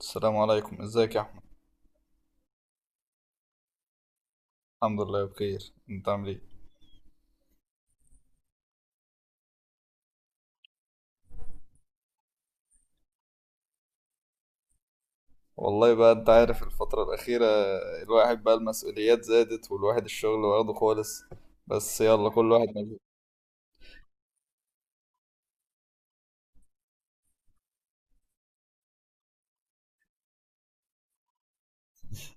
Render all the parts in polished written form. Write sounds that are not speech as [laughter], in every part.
السلام عليكم، ازيك يا احمد؟ الحمد لله بخير، انت عامل ايه؟ والله بقى، انت عارف الفترة الأخيرة الواحد بقى المسؤوليات زادت والواحد الشغل واخده خالص. بس يلا كل واحد مشغول.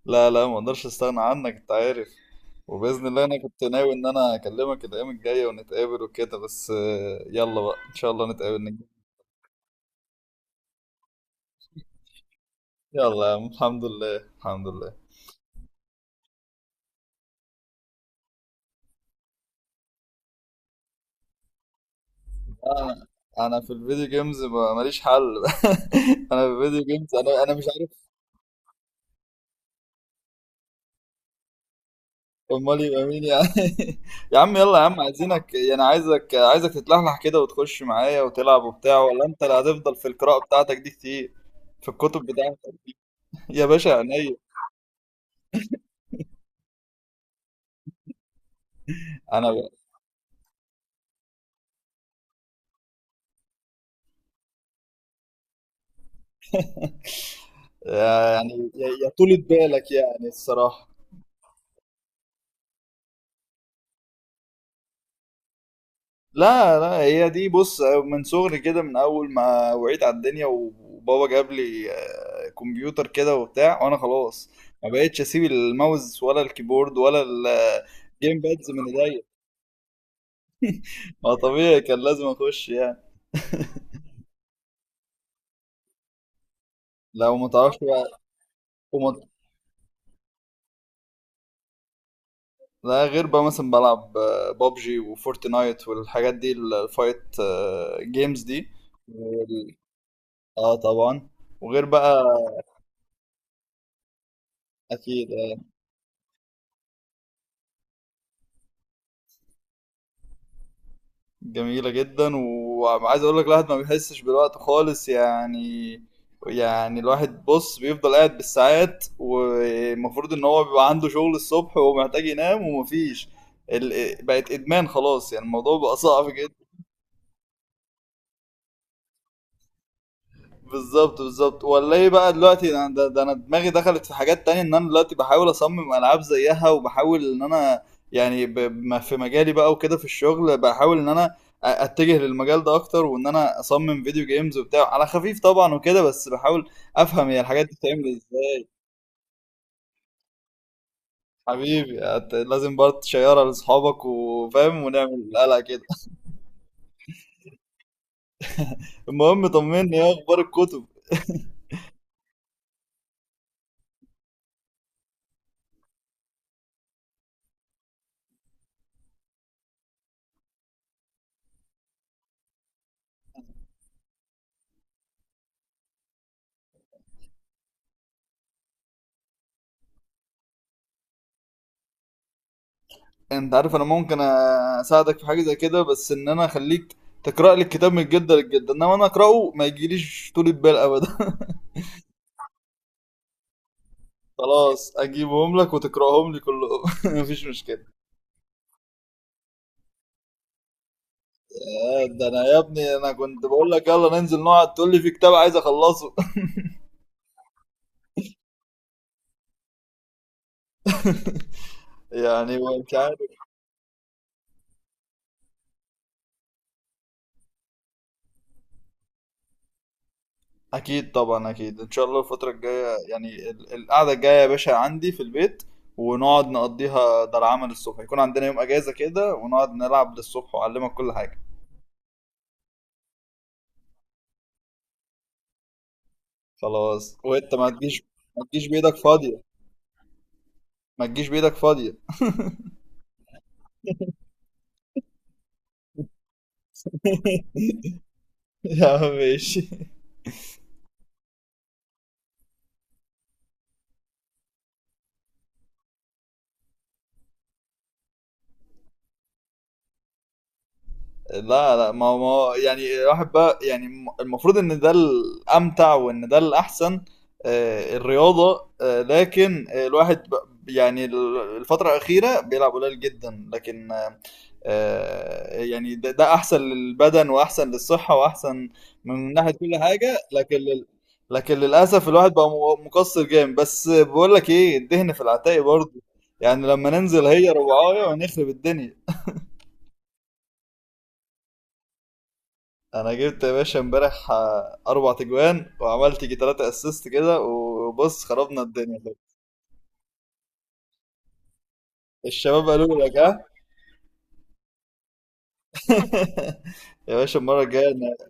لا لا، ما اقدرش استغنى عنك، انت عارف. وبإذن الله انا كنت ناوي ان انا اكلمك الأيام الجاية ونتقابل وكده، بس يلا بقى ان شاء الله نتقابل نجي. يلا يا عم، الحمد لله الحمد لله. انا انا في الفيديو جيمز ماليش حل. [laughs] انا في الفيديو جيمز، انا مش عارف. امال يبقى مين يا عم؟ [laughs] يا عم يلا يا عم، عايزينك يعني عايزك تتلحلح كده وتخش معايا وتلعب وبتاع، ولا انت اللي هتفضل في القراءة بتاعتك دي كتير؟ في الكتب بتاعتك. [laughs] يا باشا عينيا. انا ب- يعني يا طولة بالك يعني، الصراحة. لا لا، هي دي بص من صغري كده، من اول ما وعيت على الدنيا وبابا جاب لي كمبيوتر كده وبتاع، وانا خلاص ما بقتش اسيب الماوس ولا الكيبورد ولا الجيم بادز من ايديا. ما طبيعي كان لازم اخش يعني. لو ما تعرفش بقى. وما... لا، غير بقى مثلا بلعب بابجي وفورتنايت والحاجات دي، الفايت جيمز دي. وال- اه طبعا. وغير بقى. اكيد جميلة جدا، وعايز اقول لك الواحد ما بيحسش بالوقت خالص يعني. يعني الواحد بص بيفضل قاعد بالساعات، والمفروض ان هو بيبقى عنده شغل الصبح ومحتاج ينام، ومفيش ال... بقت ادمان خلاص يعني، الموضوع بقى صعب. بالظبط بالظبط، والله بقى دلوقتي انا ده انا دماغي دخلت في حاجات تانية، ان انا دلوقتي بحاول اصمم العاب زيها، وبحاول ان انا يعني بما في مجالي بقى وكده في الشغل، بحاول ان انا اتجه للمجال ده اكتر، وان انا اصمم فيديو جيمز وبتاع على خفيف طبعا وكده، بس بحاول افهم هي الحاجات دي بتتعمل ازاي. حبيبي، لازم برضه تشيرها لاصحابك وفاهم ونعمل قلق كده. [laughs] المهم طمني، ايه اخبار الكتب؟ انت عارف انا ممكن اساعدك في حاجه زي كده، بس ان انا اخليك تقرا لي الكتاب من الجده للجده، انما انا اقراه ما يجيليش طول البال ابدا. [laughs] خلاص اجيبهم لك وتقراهم لي كلهم. [laughs] مفيش مشكله. ده انا يا ابني انا كنت بقول لك يلا ننزل نقعد، تقول لي في كتاب عايز اخلصه. [laughs] يعني مش عارف. اكيد طبعا اكيد، ان شاء الله الفتره الجايه يعني القعده الجايه يا باشا عندي في البيت، ونقعد نقضيها. ده العمل الصبح يكون عندنا يوم اجازه كده ونقعد نلعب للصبح، واعلمك كل حاجه. خلاص، وانت ما تجيش. ما تجيش بايدك فاضية. ما تجيش بايدك فاضية. [laughs] يا عم ماشي. لا لا، ما ما هو يعني الواحد بقى يعني المفروض ان ده الامتع وان ده الاحسن. الرياضة، لكن الواحد يعني الفترة الأخيرة بيلعب قليل جدا، لكن يعني ده أحسن للبدن وأحسن للصحة وأحسن من ناحية كل حاجة، لكن لكن للأسف الواحد بقى مقصر جامد، بس بقول لك إيه الدهن في العتاق برضه. يعني لما ننزل هي ربعاية ونخرب الدنيا. انا جبت يا باشا امبارح اربع تجوان، وعملت جي تلاتة اسيست كده وبص خربنا الدنيا خالص. الشباب قالوا لك ها. [laughs] يا باشا،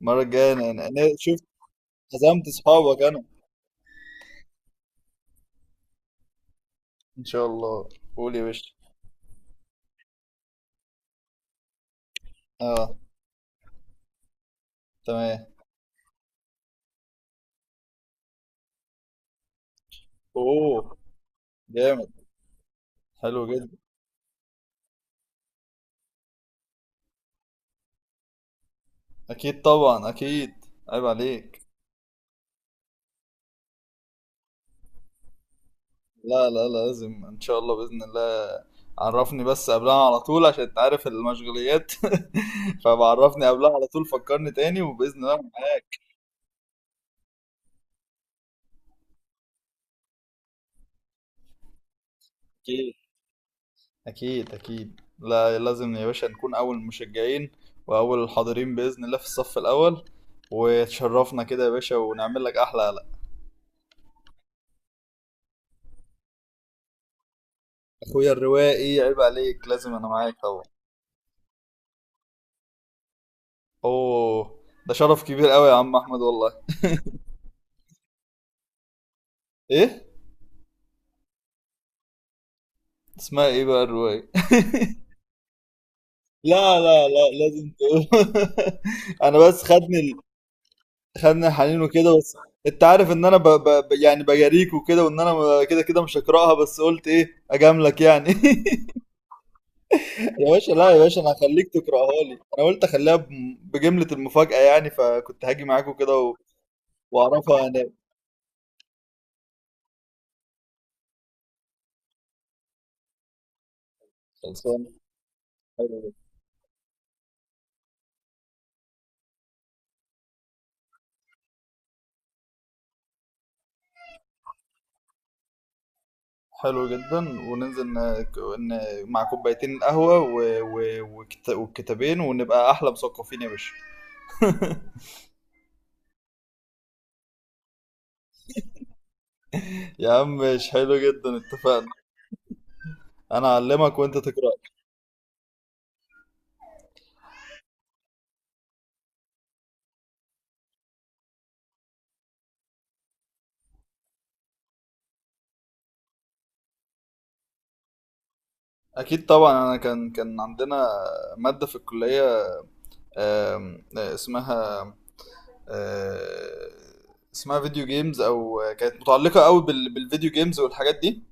المره الجايه أنا شفت عزمت اصحابك انا. ان شاء الله، قول يا باشا. اه. تمام. اوه، جامد، حلو جدا. اكيد طبعا اكيد، عيب عليك. لا لا لا، لازم ان شاء الله باذن الله. عرفني بس قبلها على طول عشان انت عارف المشغوليات. [laughs] فبعرفني قبلها على طول، فكرني تاني، وباذن الله أنا معاك. اكيد اكيد اكيد، لا لازم يا باشا نكون اول المشجعين، واول الحاضرين باذن الله في الصف الاول، وتشرفنا كده يا باشا ونعمل لك احلى قلق. اخويا الروائي عيب عليك، لازم انا معاك طبعا. اوه، ده شرف كبير قوي يا عم احمد والله. ايه؟ اسمها ايه بقى الرواية؟ لا لا لا، لازم تقول. [laughs] انا بس خدني خدني الحنين وكده بس. انت عارف ان انا يعني بجاريك وكده، وان انا كده كده مش هقراها، بس قلت ايه اجاملك يعني. [laughs] يا باشا، لا يا باشا انا هخليك تقراها لي. انا قلت اخليها بجملة المفاجأة يعني، فكنت هاجي معاك وكده واعرفها هناك. خلصان، حلو، حلو جدا. وننزل ن... مع كوبايتين قهوة والكتابين، ونبقى احلى مثقفين يا باشا. [laughs] يا عم مش حلو جدا؟ اتفقنا، انا اعلمك وانت تقرا. اكيد طبعا، انا كان عندنا ماده في الكليه، اسمها آه، اسمها فيديو جيمز، او كانت متعلقه قوي بالفيديو جيمز والحاجات دي،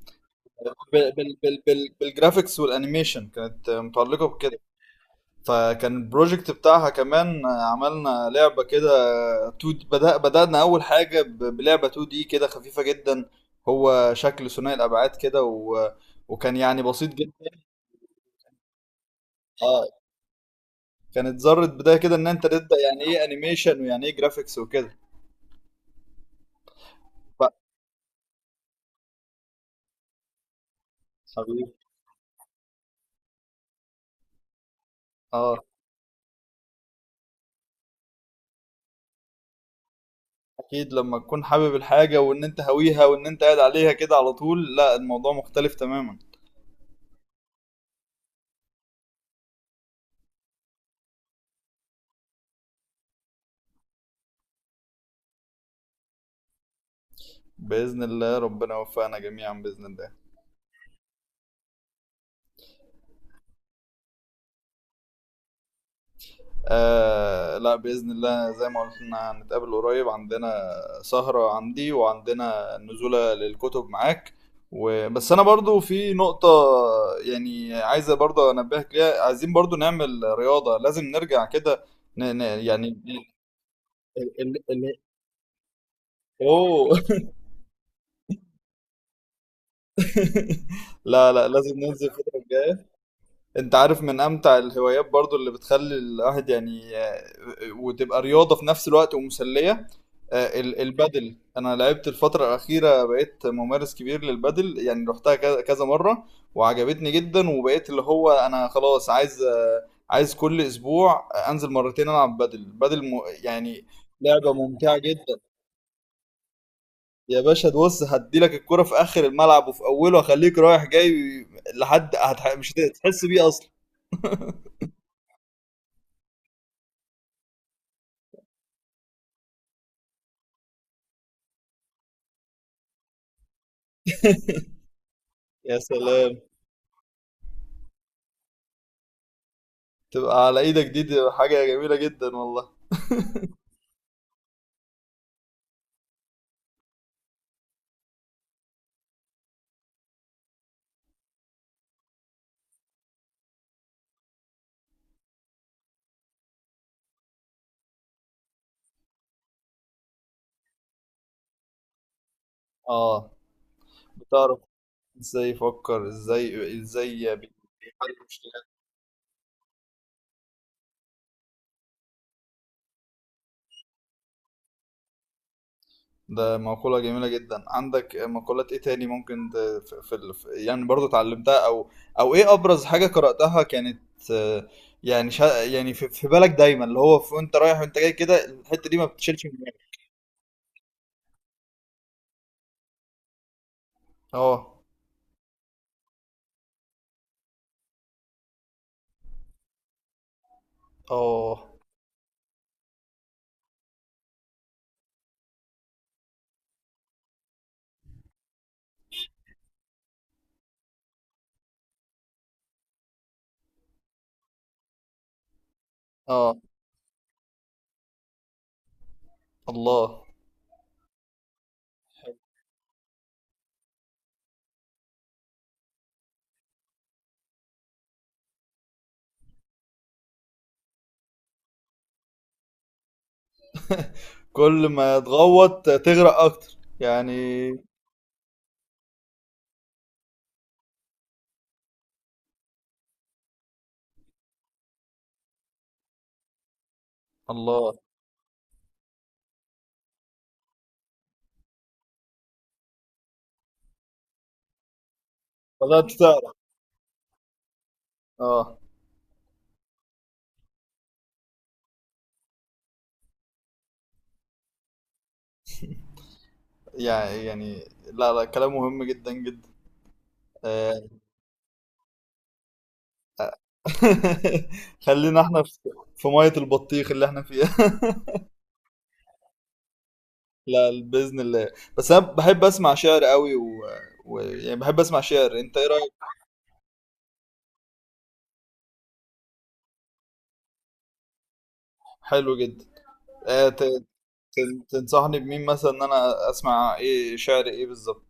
بالجرافيكس والانيميشن، كانت متعلقه بكده. فكان البروجكت بتاعها كمان عملنا لعبه كده 2، بدأنا اول حاجه بلعبه 2 دي كده، خفيفه جدا. هو شكل ثنائي الابعاد كده وكان يعني بسيط جدا. اه، كانت ذرة بداية كده ان انت تبدأ يعني ايه انيميشن، ويعني ايه جرافيكس وكده. بقى، حبيبي. اه، اكيد لما تكون حابب الحاجة وان انت هاويها وان انت قاعد عليها كده على طول، لا الموضوع مختلف تماما. بإذن الله ربنا يوفقنا جميعا بإذن الله. آه لا، بإذن الله زي ما قلنا هنتقابل قريب، عندنا سهرة عندي وعندنا نزولة للكتب معاك. وبس، أنا برضو في نقطة يعني عايزة برضو أنبهك ليها، عايزين برضو نعمل رياضة، لازم نرجع كده. يعني ال... ال... أوه. [laughs] لا لا لازم ننزل كده. انت عارف من امتع الهوايات برضو اللي بتخلي الواحد يعني، وتبقى رياضة في نفس الوقت ومسلية. البادل انا لعبت الفترة الاخيرة، بقيت ممارس كبير للبادل يعني، رحتها كذا كذا مرة وعجبتني جدا، وبقيت اللي هو انا خلاص عايز كل اسبوع انزل مرتين العب بادل بادل يعني لعبة ممتعة جدا. يا باشا تبص، هديلك الكرة في اخر الملعب وفي اوله، هخليك رايح جاي لحد مش هتحس بيه اصلا. يا سلام، تبقى على ايدك دي حاجة جميلة جدا والله. اه، بتعرف ازاي يفكر، ازاي بيحل مشكلات. ده مقولة جميلة جدا، عندك مقولات ايه تاني ممكن في في يعني برضو اتعلمتها او او، ايه ابرز حاجة قرأتها كانت؟ يعني شا يعني في, في بالك دايما اللي هو وانت رايح وانت جاي كده، الحتة دي ما بتشيلش من دماغك. اه اه اه. الله. كل ما تغوط تغرق اكتر يعني. الله. بدأت تعرف. اه، يعني لا لا كلام مهم جدا جدا. آه، [laughs] خلينا احنا في في مية البطيخ اللي احنا فيها. [laughs] لا بإذن الله، بس انا بحب اسمع شعر قوي يعني بحب اسمع شعر، انت ايه رأيك؟ حلو جدا. آه، ت... تنصحني بمين مثلا ان انا اسمع، ايه شعر ايه بالظبط؟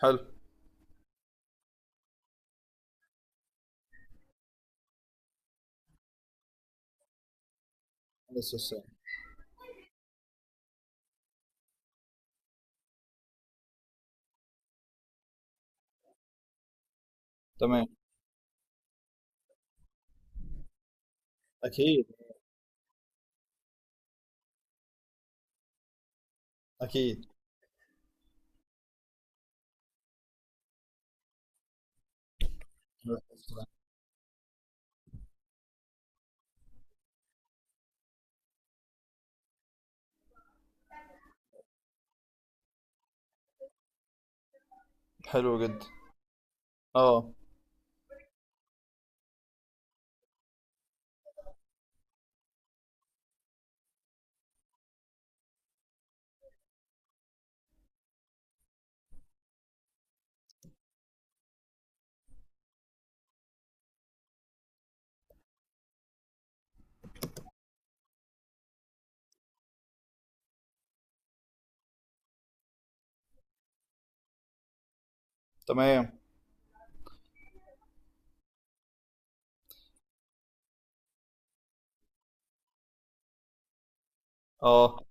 حلو. بس السلام. تمام. اكيد اكيد. حلو جدا. اه تمام اه.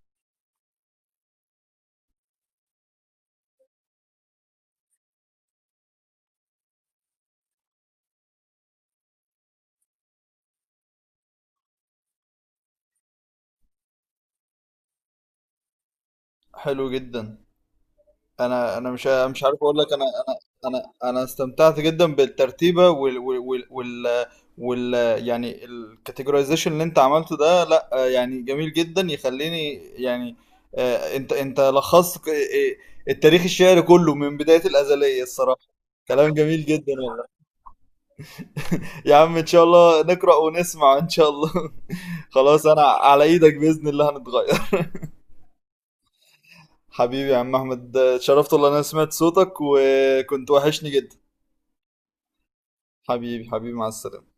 حلو جدا. انا مش عارف اقول لك انا. انا استمتعت جدا بالترتيبه وال يعني الكاتيجورايزيشن اللي انت عملته ده. لا يعني جميل جدا يخليني يعني. انت لخصت التاريخ الشعري كله من بدايه الازليه الصراحه. كلام جميل جدا والله. [laughs] يا عم ان شاء الله نقرا ونسمع ان شاء الله. [laughs] خلاص انا على ايدك باذن الله هنتغير. [laughs] حبيبي يا عم احمد، اتشرفت والله إن انا سمعت صوتك وكنت وحشني جدا. حبيبي حبيبي، مع السلامة.